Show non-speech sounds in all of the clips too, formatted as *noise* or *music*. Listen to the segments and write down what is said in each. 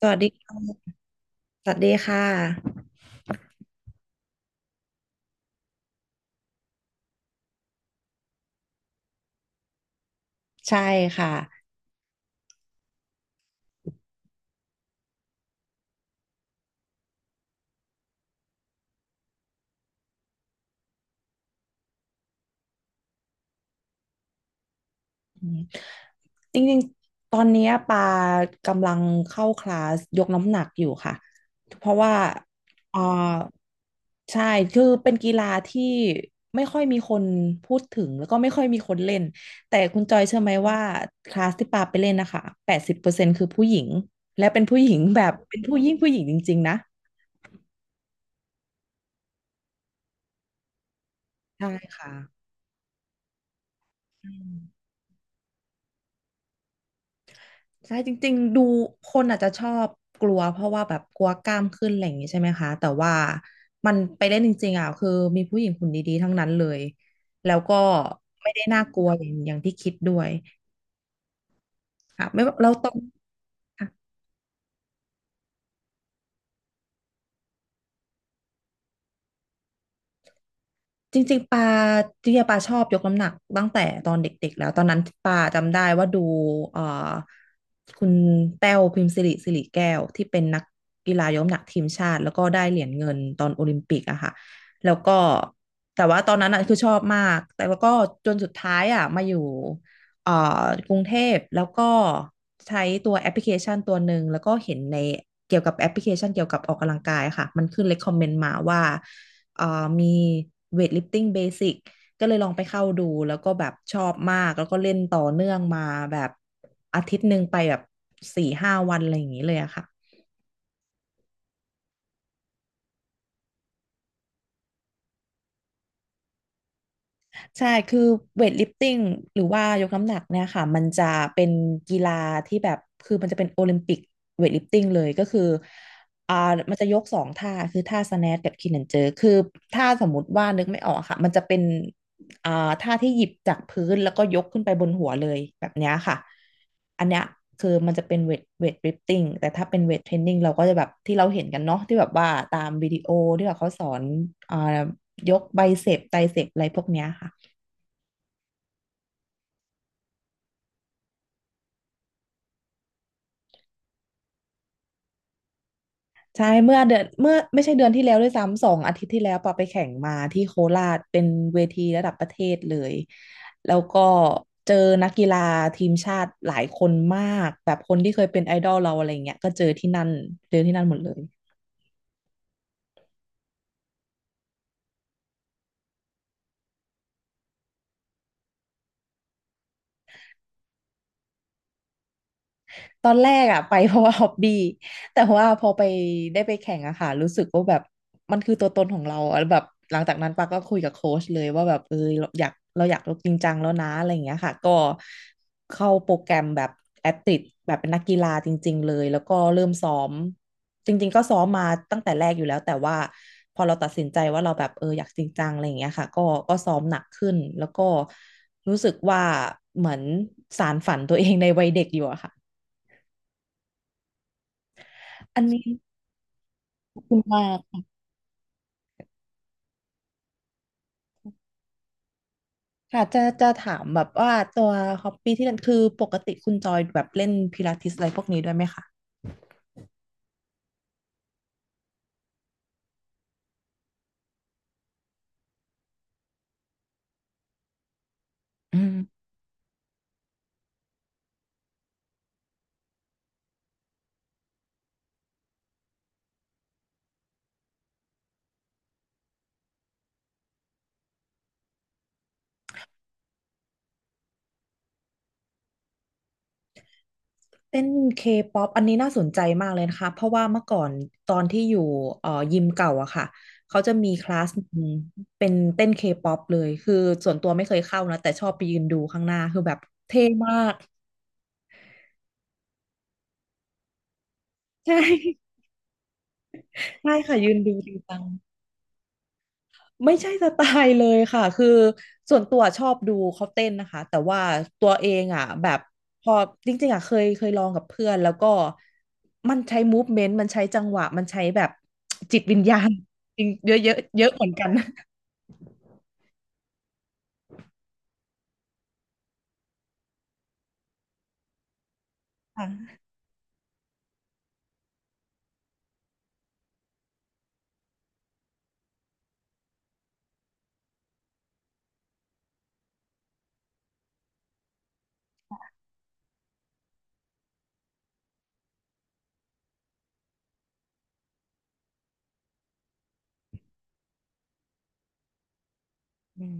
สวัสดีค่ะสวัสดีค่ะ ใช่ค่ะอืมจริงๆตอนเนี้ยปากำลังเข้าคลาสยกน้ำหนักอยู่ค่ะเพราะว่าเอ่อใช่คือเป็นกีฬาที่ไม่ค่อยมีคนพูดถึงแล้วก็ไม่ค่อยมีคนเล่นแต่คุณจอยเชื่อไหมว่าคลาสที่ปาไปเล่นนะคะ80%คือผู้หญิง และเป็นผู้หญิงแบบเป็นผู้ยิ่งผู้หญิงจริงๆนะใช่ค่ะอืม ใช่จริงๆดูคนอาจจะชอบกลัวเพราะว่าแบบกลัวกล้ามขึ้นอะไรอย่างนี้ใช่ไหมคะแต่ว่ามันไปเล่นจริงๆอ่ะคือมีผู้หญิงหุ่นดีๆทั้งนั้นเลยแล้วก็ไม่ได้น่ากลัวอย่างที่คิดด้วยค่ะไม่ว่าเราต้อง จริงๆปาจริงๆปาชอบยกน้ำหนักตั้งแต่ตอนเด็กๆแล้วตอนนั้นปาจำได้ว่าดูเอ่อคุณแต้วพิมพ์สิริสิริแก้วที่เป็นนักกีฬายกน้ำหนักทีมชาติแล้วก็ได้เหรียญเงินตอนโอลิมปิกอะค่ะแล้วก็แต่ว่าตอนนั้นอะคือชอบมากแต่ว่าก็จนสุดท้ายอะมาอยู่เอ่อกรุงเทพแล้วก็ใช้ตัวแอปพลิเคชันตัวหนึ่งแล้วก็เห็นในเกี่ยวกับแอปพลิเคชันเกี่ยวกับออกกำลังกายอะค่ะมันขึ้น recommend มาว่า เอ่อมีเวทลิฟติ้งเบสิกก็เลยลองไปเข้าดูแล้วก็แบบชอบมากแล้วก็เล่นต่อเนื่องมาแบบอาทิตย์หนึ่งไปแบบ4-5 วันอะไรอย่างนี้เลยอะค่ะ ใช่คือเวทลิฟติ้งหรือว่ายกน้ำหนักเนี่ยค่ะมันจะเป็นกีฬาที่แบบคือมันจะเป็นโอลิมปิกเวทลิฟติ้งเลยก็คืออ่ามันจะยก2 ท่าคือท่าสแนทกับคีนแอนเจอร์คือท่าสมมติว่านึกไม่ออกอะค่ะมันจะเป็นอ่าท่าที่หยิบจากพื้นแล้วก็ยกขึ้นไปบนหัวเลยแบบเนี้ยค่ะอันเนี้ยคือมันจะเป็นเวทลิฟติ้งแต่ถ้าเป็นเวทเทรนนิ่งเราก็จะแบบที่เราเห็นกันเนาะที่แบบว่าตามวิดีโอที่แบบเขาสอนอ่ายกไบเซปไตรเซปอะไรพวกเนี้ยค่ะ ใช่เมื่อไม่ใช่เดือนที่แล้วด้วยซ้ำ2 อาทิตย์ที่แล้วปอไปแข่งมาที่โคราชเป็นเวทีระดับประเทศเลยแล้วก็เจอนักกีฬาทีมชาติหลายคนมากแบบคนที่เคยเป็นไอดอลเราอะไรเงี้ยก็เจอที่นั่นเจอที่นั่นหมดเลย ตอนแรกอะไป *laughs* เพราะว่าฮอบบี้แต่ว่าพอไปได้ไปแข่งอะค่ะรู้สึกว่าแบบมันคือตัวตนของเราอะแบบหลังจากนั้นปาก็คุยกับโค้ชเลยว่าแบบเออเราอยากเราอยากลงจริงจังแล้วนะอะไรอย่างเงี้ยค่ะก็เข้าโปรแกรมแบบแอตติแบบเป็นนักกีฬาจริงๆเลยแล้วก็เริ่มซ้อมจริงๆก็ซ้อมมาตั้งแต่แรกอยู่แล้วแต่ว่าพอเราตัดสินใจว่าเราแบบเอออยากจริงจังอะไรอย่างเงี้ยค่ะก็ซ้อมหนักขึ้นแล้วก็รู้สึกว่าเหมือนสานฝันตัวเองในวัยเด็กอยู่อะค่ะ อันนี้ขอบคุณมากค่ะจะถามแบบว่าตัวฮอบบี้ที่เล่นคือปกติคุณจอยแบบเล่นพิลาทิสอะไรพวกนี้ด้วยไหมคะอืมเต้นเคป๊อปอันนี้น่าสนใจมากเลยนะคะเพราะว่าเมื่อก่อนตอนที่อยู่ยิมเก่าอะค่ะเขาจะมีคลาสหนึ่งเป็นเต้นเคป๊อปเลยคือส่วนตัวไม่เคยเข้านะแต่ชอบไปยืนดูข้างหน้าคือแบบเท่มากใช่ *laughs* ใช่ค่ะยืนดูจริงจัง ไม่ใช่สไตล์เลยค่ะ *laughs* คือส่วนตัวชอบดูเขาเต้นนะคะแต่ว่าตัวเองอ่ะแบบพอจริงๆอ่ะเคยลองกับเพื่อนแล้วก็มันใช้มูฟเมนต์มันใช้จังหวะมันใช้แบบจิตวิญญาณจริงเยอะเยอะเยอะเหมือนกันค่ะ *laughs* อืม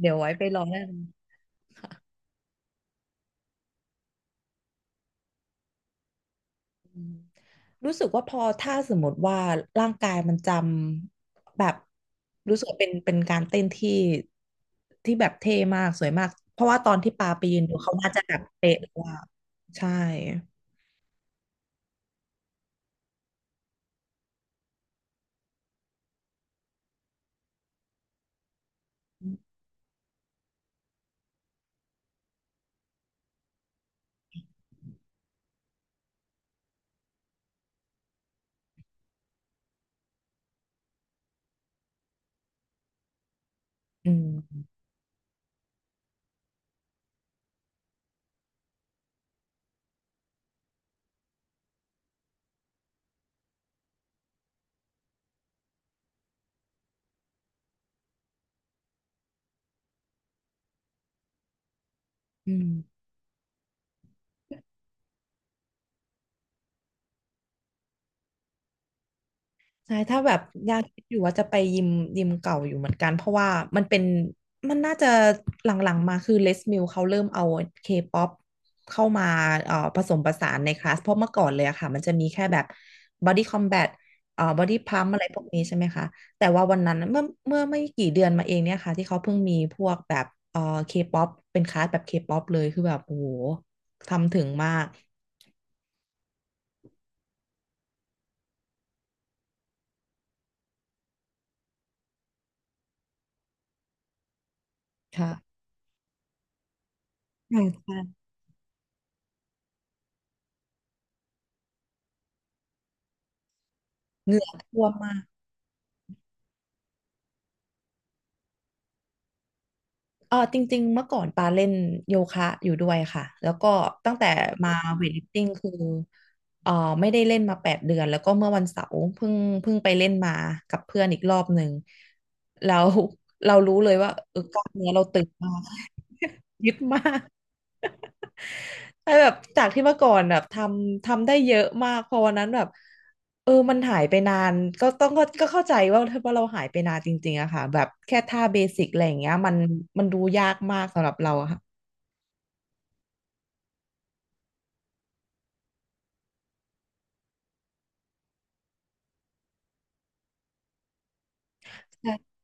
เดี๋ยวไว้ไปลองได้ อืมรู้สึกว่าพอถ้าสมมติว่าร่างกายมันจำแบบรู้สึกว่าเป็นการเต้นที่ที่แบบเท่มากสวยมากเพราะว่าตอนที่ปาไปยืนดูเขาน่าจะแบบเป๊ะว่าใช่อืมอืม ใช่ ถ้าแบบยังคิดอยู่ว่าจะไปยิมเก่าอยู่เหมือนกัน เพราะว่ามันเป็นมันน่าจะหลังๆมาคือเลสมิลเขาเริ่มเอาเคป๊อปเข้ามาผสมผสานในคลาสเพราะเมื่อก่อนเลยอะค่ะมันจะมีแค่แบบบอดี้คอมแบทบอดี้พัมอะไรพวกนี้ใช่ไหมคะแต่ว่าวันนั้นเมื่อไม่กี่เดือนมาเองเนี่ยค่ะที่เขาเพิ่งมีพวกแบบเคป๊อปเป็นคลาสแบบเคป๊อปเลยคือแบบโอ้โหทำถึงมากค่ะใช่ใช่เหงื่อท่วมมาก เออจริงๆเมื่อก่อนปาเล่นโยคะอยู่ด้วยค่ะแล้วก็ตั้งแต่มาเวทลิฟติ้งคือเออไม่ได้เล่นมา8 เดือนแล้วก็เมื่อวันเสาร์เพิ่งไปเล่นมากับเพื่อนอีกรอบหนึ่งแล้วเรารู้เลยว่ากล้ามเนื้อเราตึงมาก *laughs* ยึดมากไอ้แบบจากที่เมื่อก่อนแบบทำได้เยอะมากพอวันนั้นแบบมันหายไปนานก็ต้องก็ก็เข้าใจว่าเราหายไปนานจริงๆอะค่ะแบบแค่ท่าเบสิกอะไรอย่างเงี้ยมันดูยากมากสำหรับเรา ใช่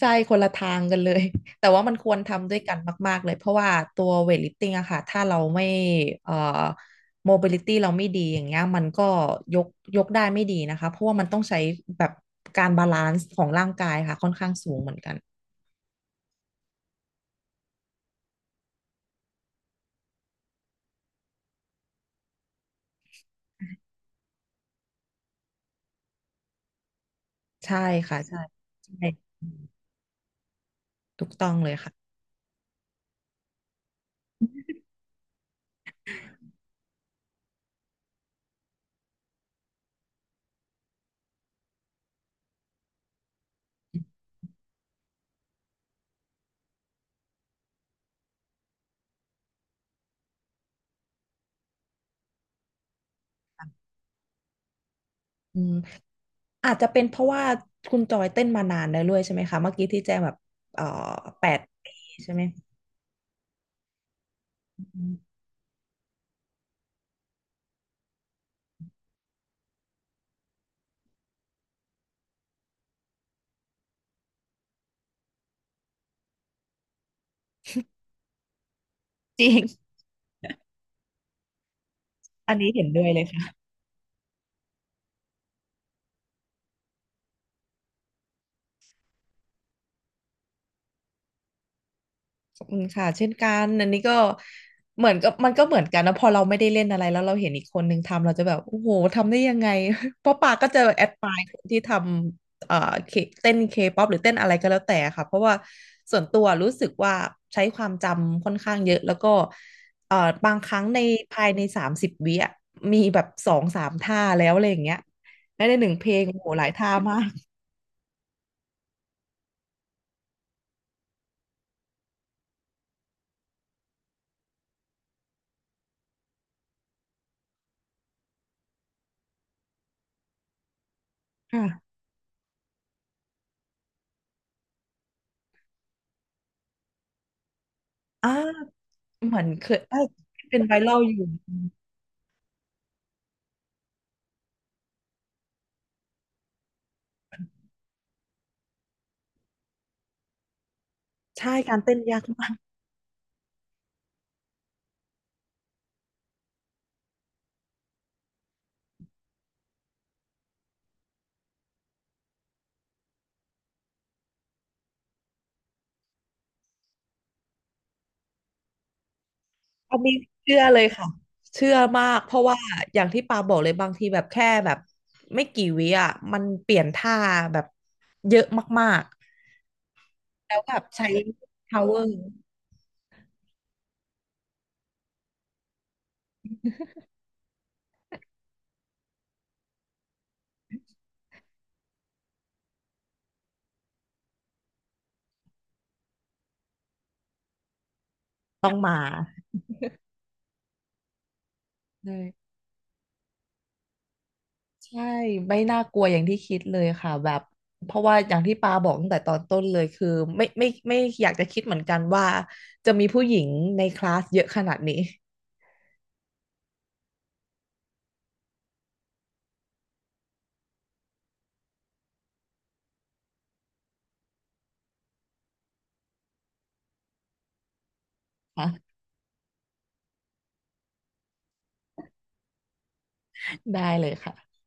ใช่คนละทางกันเลย *laughs* แต่ว่ามันควรทำด้วยกันมากๆเลยเพราะว่าตัวเวทลิฟติ้งอะค่ะถ้าเราไม่เอ่อโมบิลิตี้เราไม่ดีอย่างเงี้ยมันก็ยกยกได้ไม่ดีนะคะเพราะว่ามันต้องใช้แบบการบาลานซ์ของร่างกายค่ะค่อนข้างสูงเหมือนกันใช่ค่ะใช่ใช่ถูกต้องเลยค่ะอืมอาจจะเป็นเพราะว่าคุณจอยเต้นมานานแล้วด้วยใช่ไหมคะเมื่อกี้ที่แจ้งแบบเอ่อ8 ปีใช่ไหมอืมจริงอันนี้เห็นด้วยเลยค่ะ ขอบคุณค่ะเช่นกันอันนี้ก็เหมือนกับมันก็เหมือนกันนะพอเราไม่ได้เล่นอะไรแล้วเราเห็นอีกคนนึงทำเราจะแบบโอ้โหทำได้ยังไง *laughs* เพราะปาก็จะแอดมายคนที่ทำเคเต้นเคป๊อปหรือเต้นอะไรก็แล้วแต่ค่ะเพราะว่าส่วนตัวรู้สึกว่าใช้ความจำค่อนข้างเยอะแล้วก็เอ่อบางครั้งภายใน30 วิอะมีแบบสองสามท่าแล้วอะไรอย่างเงี้ยและในหนึ่งเพลงโอ้โหหลายท่ามากค่ะอ่าเหมือนเคยเอ้ยเป็นไวรัลอยู่ ใช่การเต้นยากมากอันนี้เชื่อเลยค่ะเชื่อมากเพราะว่าอย่างที่ปาบอกเลยบางทีแบบแค่แบบไม่กี่วิอ่ะมันเปลี่ยนท่าแบบเยอะมากๆแล้วแบบใช้ power ต้องมาเลยใช่ไม่น่ากลัวอย่างที่คิดเลยค่ะแบบเพราะว่าอย่างที่ปาบอกตั้งแต่ตอนต้นเลยคือไม่อยากจะคิดเหมือนกันว่าจะมีผู้หญิงในคลาสเยอะขนาดนี้ค่ะได้เลยค่ะ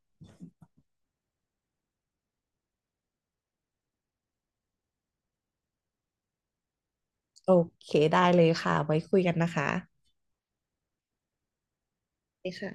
โอเคได้เลยค่ะไว้คุยกันนะคะดีค่ะ